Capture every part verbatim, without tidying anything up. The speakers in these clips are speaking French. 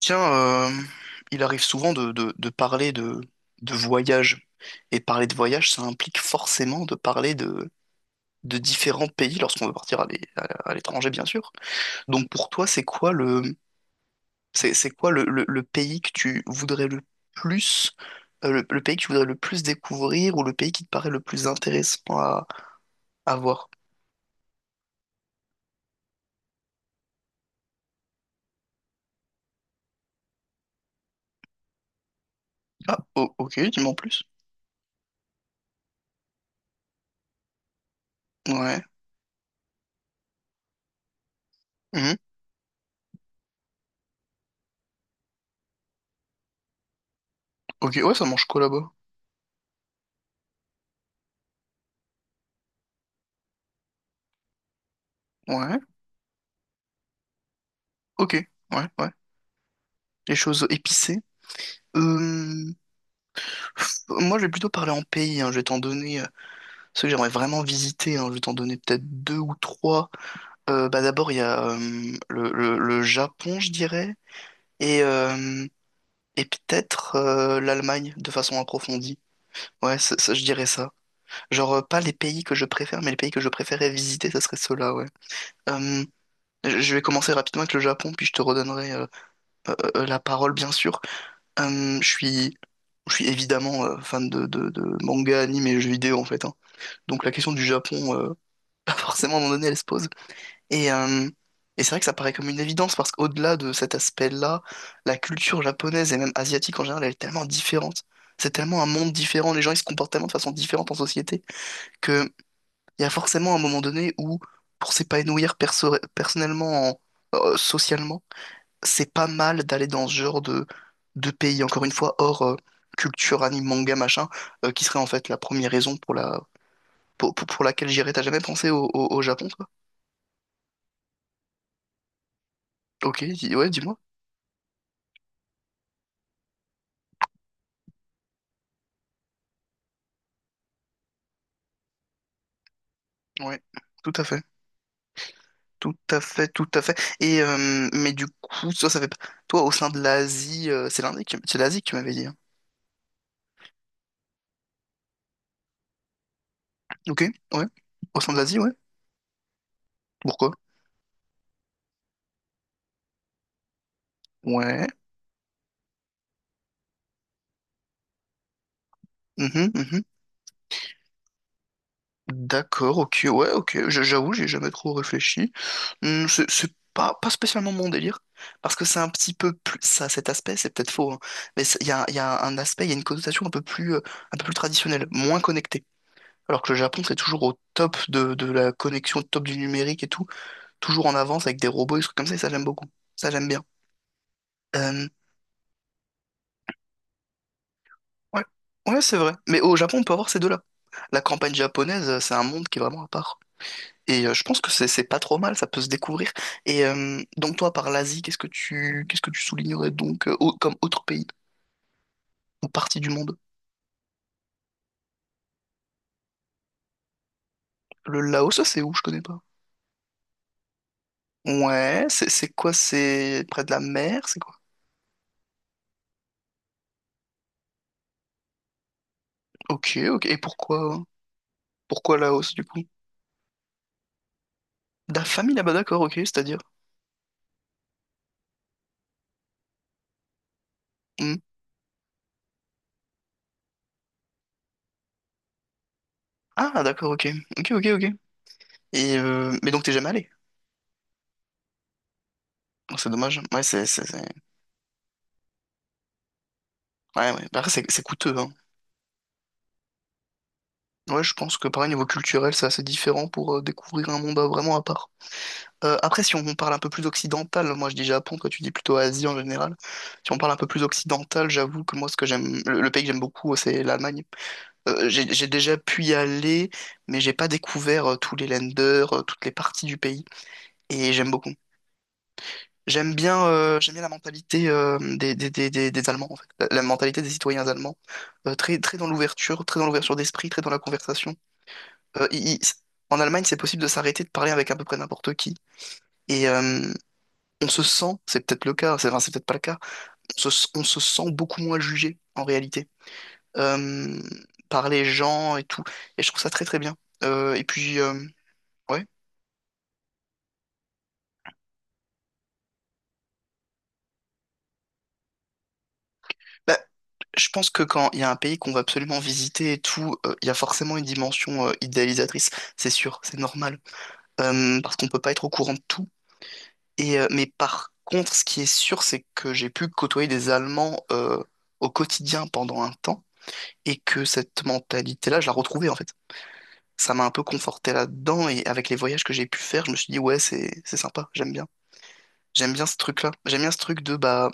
Tiens, euh, il arrive souvent de, de- de parler de, de voyage. Et parler de voyage, ça implique forcément de parler de, de différents pays lorsqu'on veut partir à l'é- à- à l'étranger, bien sûr. Donc pour toi, c'est quoi le, c'est, c'est quoi le, le- le pays que tu voudrais le plus, euh, le, le pays que tu voudrais le plus découvrir ou le pays qui te paraît le plus intéressant à, à voir? Ah, o- ok, dis-moi en plus. Ouais. Mhm. Ok, ouais, ça mange quoi là-bas? Ouais. Ok, ouais, ouais. Les choses épicées. Euh, Moi, je vais plutôt parler en pays, hein. Je vais t'en donner euh, ceux que j'aimerais vraiment visiter, hein. Je vais t'en donner peut-être deux ou trois. Euh, bah, d'abord, il y a euh, le, le- le Japon, je dirais, et, euh, et peut-être euh, l'Allemagne de façon approfondie. Ouais, ça, ça, je dirais ça. Genre, euh, pas les pays que je préfère, mais les pays que je préférais visiter, ça serait ceux-là, ouais. Euh, je je vais commencer rapidement avec le Japon, puis je te redonnerai euh, euh, euh, la parole, bien sûr. Euh, je suis, je suis évidemment euh, fan de, de, de manga, anime et jeux vidéo, en fait, hein. Donc la question du Japon, euh, pas forcément à un moment donné, elle se pose. Et, euh, et c'est vrai que ça paraît comme une évidence parce qu'au-delà de cet aspect-là, la culture japonaise et même asiatique en général, elle est tellement différente. C'est tellement un monde différent, les gens ils se comportent tellement de façon différente en société que il y a forcément un moment donné où, pour s'épanouir perso- personnellement, en- euh, socialement, c'est pas mal d'aller dans ce genre de, de pays, encore une fois, hors euh, culture, anime, manga, machin, euh, qui serait en fait la première raison pour la, pour, pour, pour laquelle j'irais. T'as jamais pensé au, au, au Japon, toi? Ok, dis- ouais, dis-moi. Ouais, tout à fait. Tout à fait, tout à fait. Et euh, mais du coup, toi, ça fait pas- toi au sein de l'Asie, euh, c'est l'Inde qui- c'est l'Asie que tu m'avais dit, hein. Ok, ouais. Au sein de l'Asie, ouais. Pourquoi? Ouais. Mhm, mhm. D'accord, ok, ouais, ok. J- J'avoue, j'ai jamais trop réfléchi. Hmm, c'est c'est pas, pas spécialement mon délire. Parce que c'est un petit peu plus. Ça, cet aspect, c'est peut-être faux, hein, mais il y a, y a un aspect, il y a une connotation un peu plus, euh, un peu plus traditionnelle, moins connectée. Alors que le Japon, c'est toujours au top de, de la connexion, au top du numérique et tout, toujours en avance avec des robots et des trucs comme ça, et ça j'aime beaucoup. Ça j'aime bien. Euh, ouais, ouais, c'est vrai. Mais au Japon, on peut avoir ces deux-là. La campagne japonaise, euh, c'est un monde qui est vraiment à part. Et euh, je pense que c'est c'est pas trop mal, ça peut se découvrir. Et euh, donc toi, par l'Asie, qu'est-ce que tu qu'est-ce que tu soulignerais donc euh, au- comme autre pays ou partie du monde? Le Laos, ça c'est où? Je connais pas. Ouais, c'est c'est quoi? C'est près de la mer, c'est quoi? Ok, ok. Et pourquoi pourquoi Laos du coup? La famille là-bas, d'accord, ok, c'est-à-dire. Hmm. Ah, d'accord, ok. Ok, ok, ok. Et euh, mais donc t'es jamais allé. Oh, c'est dommage. Ouais, c'est. c'est- c'est- ouais, ouais. Bah, après, c'est c'est coûteux, hein. Ouais, je pense que pareil, niveau culturel, c'est assez différent pour euh, découvrir un monde euh, vraiment à part. Euh, après, si on parle un peu plus occidental, moi je dis Japon, toi tu dis plutôt Asie en général. Si on parle un peu plus occidental, j'avoue que moi ce que j'aime, le, le pays que j'aime beaucoup, euh, c'est l'Allemagne. Euh, j'ai j'ai déjà pu y aller, mais j'ai pas découvert euh, tous les länders, euh, toutes les parties du pays. Et j'aime beaucoup. J'aime bien, euh, j'aime bien la mentalité euh, des, des, des, des, des Allemands, en fait. La, la mentalité des citoyens allemands. Euh, très, très dans l'ouverture, très dans l'ouverture d'esprit, très dans la conversation. Euh, il- il- en Allemagne, c'est possible de s'arrêter de parler avec à peu près n'importe qui. Et euh, on se sent, c'est peut-être le cas, c'est enfin, c'est peut-être pas le cas, on se, on se sent beaucoup moins jugé, en réalité, euh, par les gens et tout. Et je trouve ça très très bien. Euh, et puis, euh, ouais. Bah, je pense que quand il y a un pays qu'on va absolument visiter et tout, euh, il y a forcément une dimension euh, idéalisatrice, c'est sûr, c'est normal. Euh, parce qu'on peut pas être au courant de tout. Et euh, mais par contre, ce qui est sûr, c'est que j'ai pu côtoyer des Allemands euh, au quotidien pendant un temps et que cette mentalité-là, je la retrouvais en fait. Ça m'a un peu conforté là-dedans et avec les voyages que j'ai pu faire, je me suis dit ouais, c'est c'est sympa, j'aime bien, j'aime bien ce truc-là, j'aime bien ce truc de bah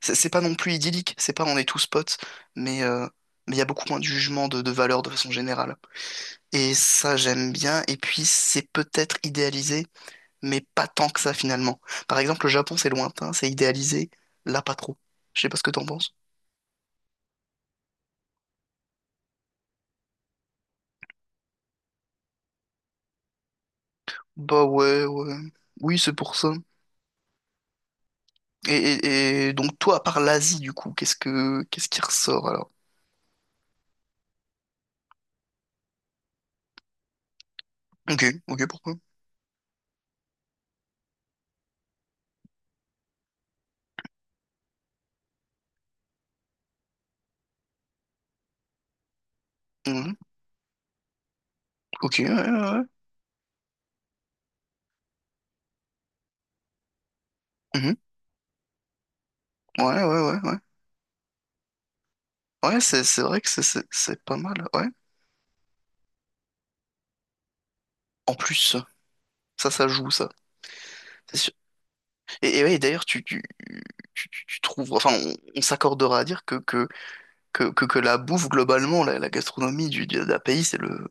C'est c'est pas non plus idyllique, c'est pas on est tous potes, mais euh, mais il y a beaucoup moins de jugement de, de valeur de façon générale. Et ça, j'aime bien. Et puis, c'est peut-être idéalisé, mais pas tant que ça finalement. Par exemple, le Japon, c'est lointain, c'est idéalisé, là, pas trop. Je sais pas ce que t'en penses. Bah ouais, ouais. Oui, c'est pour ça. Et, et- et donc, toi, à part l'Asie, du coup, qu'est-ce que qu'est-ce qui ressort alors? Ok, ok, pourquoi? Mhm. Ok, ouais, ouais, ouais. Mhm. Ouais, ouais, ouais, ouais. Ouais, c'est c'est vrai que c'est c'est- c'est pas mal, ouais. En plus, Ça, ça joue, ça. C'est sûr. Et, et ouais, d'ailleurs, tu, tu, tu, tu- tu trouves, enfin, on, on s'accordera à dire que, que, que, que, que la bouffe, globalement, la, la gastronomie du, du- d'un pays, c'est le,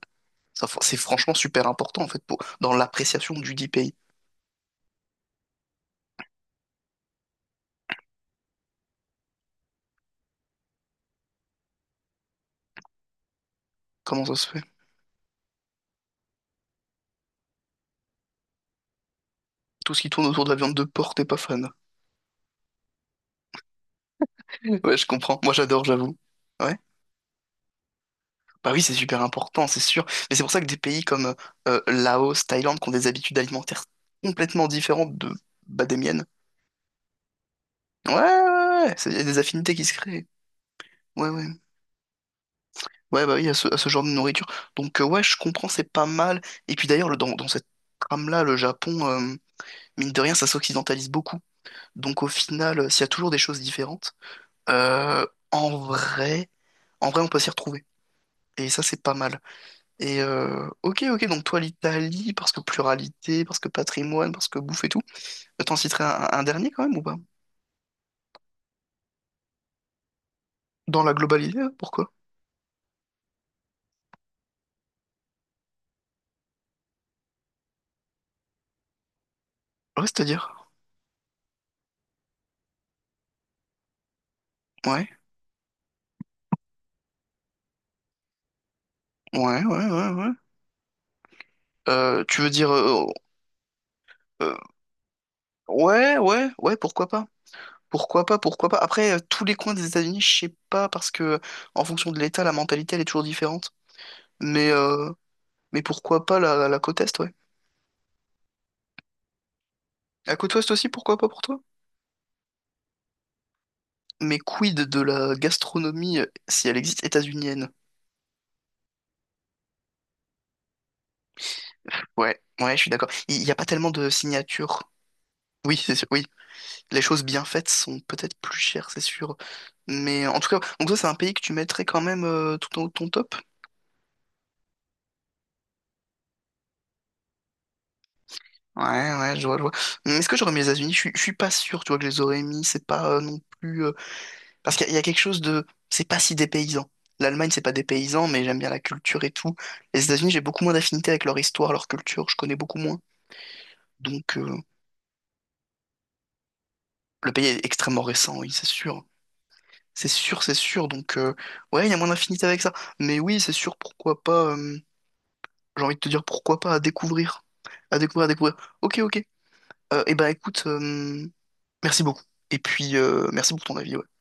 ça- c'est franchement super important, en fait, pour, dans l'appréciation du dit pays. Comment ça se fait? Tout ce qui tourne autour de la viande de porc, t'es pas fan. Ouais, je comprends. Moi, j'adore, j'avoue. Ouais. Bah oui, c'est super important, c'est sûr. Mais c'est pour ça que des pays comme euh, Laos, Thaïlande, qui ont des habitudes alimentaires complètement différentes de, bah, des miennes. Ouais, ouais, ouais, ouais, c'est- il y a des affinités qui se créent. Ouais, ouais. Ouais, bah oui, à ce, à ce genre de nourriture. Donc, euh, ouais, je comprends, c'est pas mal. Et puis d'ailleurs, le- dans, dans cette trame-là, le Japon, euh, mine de rien, ça s'occidentalise beaucoup. Donc, au final, euh, s'il y a toujours des choses différentes, euh, en vrai, en vrai, on peut s'y retrouver. Et ça, c'est pas mal. Et euh, ok, ok, donc toi, l'Italie, parce que pluralité, parce que patrimoine, parce que bouffe et tout. Euh, T'en citerais un, un dernier quand même ou pas? Dans la globalité, euh, pourquoi? Ouais, c'est-à-dire. Ouais, ouais, ouais, ouais, ouais. Euh, tu veux dire. euh, euh, ouais, ouais, ouais, pourquoi pas? Pourquoi pas, pourquoi pas. Après, euh, tous les coins des États-Unis, je sais pas, parce que en fonction de l'État, la mentalité, elle est toujours différente. Mais, euh, mais pourquoi pas la, la côte Est, ouais. La côte Ouest aussi, pourquoi pas pour toi? Mais quid de la gastronomie, euh, si elle existe, états-unienne? Ouais, ouais, je suis d'accord. Il n'y a pas tellement de signatures. Oui, c'est sûr, oui. Les choses bien faites sont peut-être plus chères, c'est sûr. Mais en tout cas, donc ça, c'est un pays que tu mettrais quand même euh, tout en haut de ton top? Ouais, ouais, je vois, je vois. Hum, Est-ce que j'aurais mis les États-Unis? Je suis, je suis pas sûr, tu vois, que je les aurais mis. C'est pas euh, non plus. euh, Parce qu'il y, a il y a quelque chose de. C'est pas si dépaysant. L'Allemagne, c'est pas dépaysant, mais j'aime bien la culture et tout. Les États-Unis, j'ai beaucoup moins d'affinité avec leur histoire, leur culture. Je connais beaucoup moins. Donc, euh, le pays est extrêmement récent, oui, c'est sûr. C'est sûr, c'est sûr. Donc, euh, ouais, il y a moins d'affinité avec ça. Mais oui, c'est sûr, pourquoi pas. euh, J'ai envie de te dire pourquoi pas à découvrir. À découvrir, à découvrir. Ok, ok. Euh, eh ben, écoute, euh, merci beaucoup. Et puis, euh, merci pour ton avis, ok?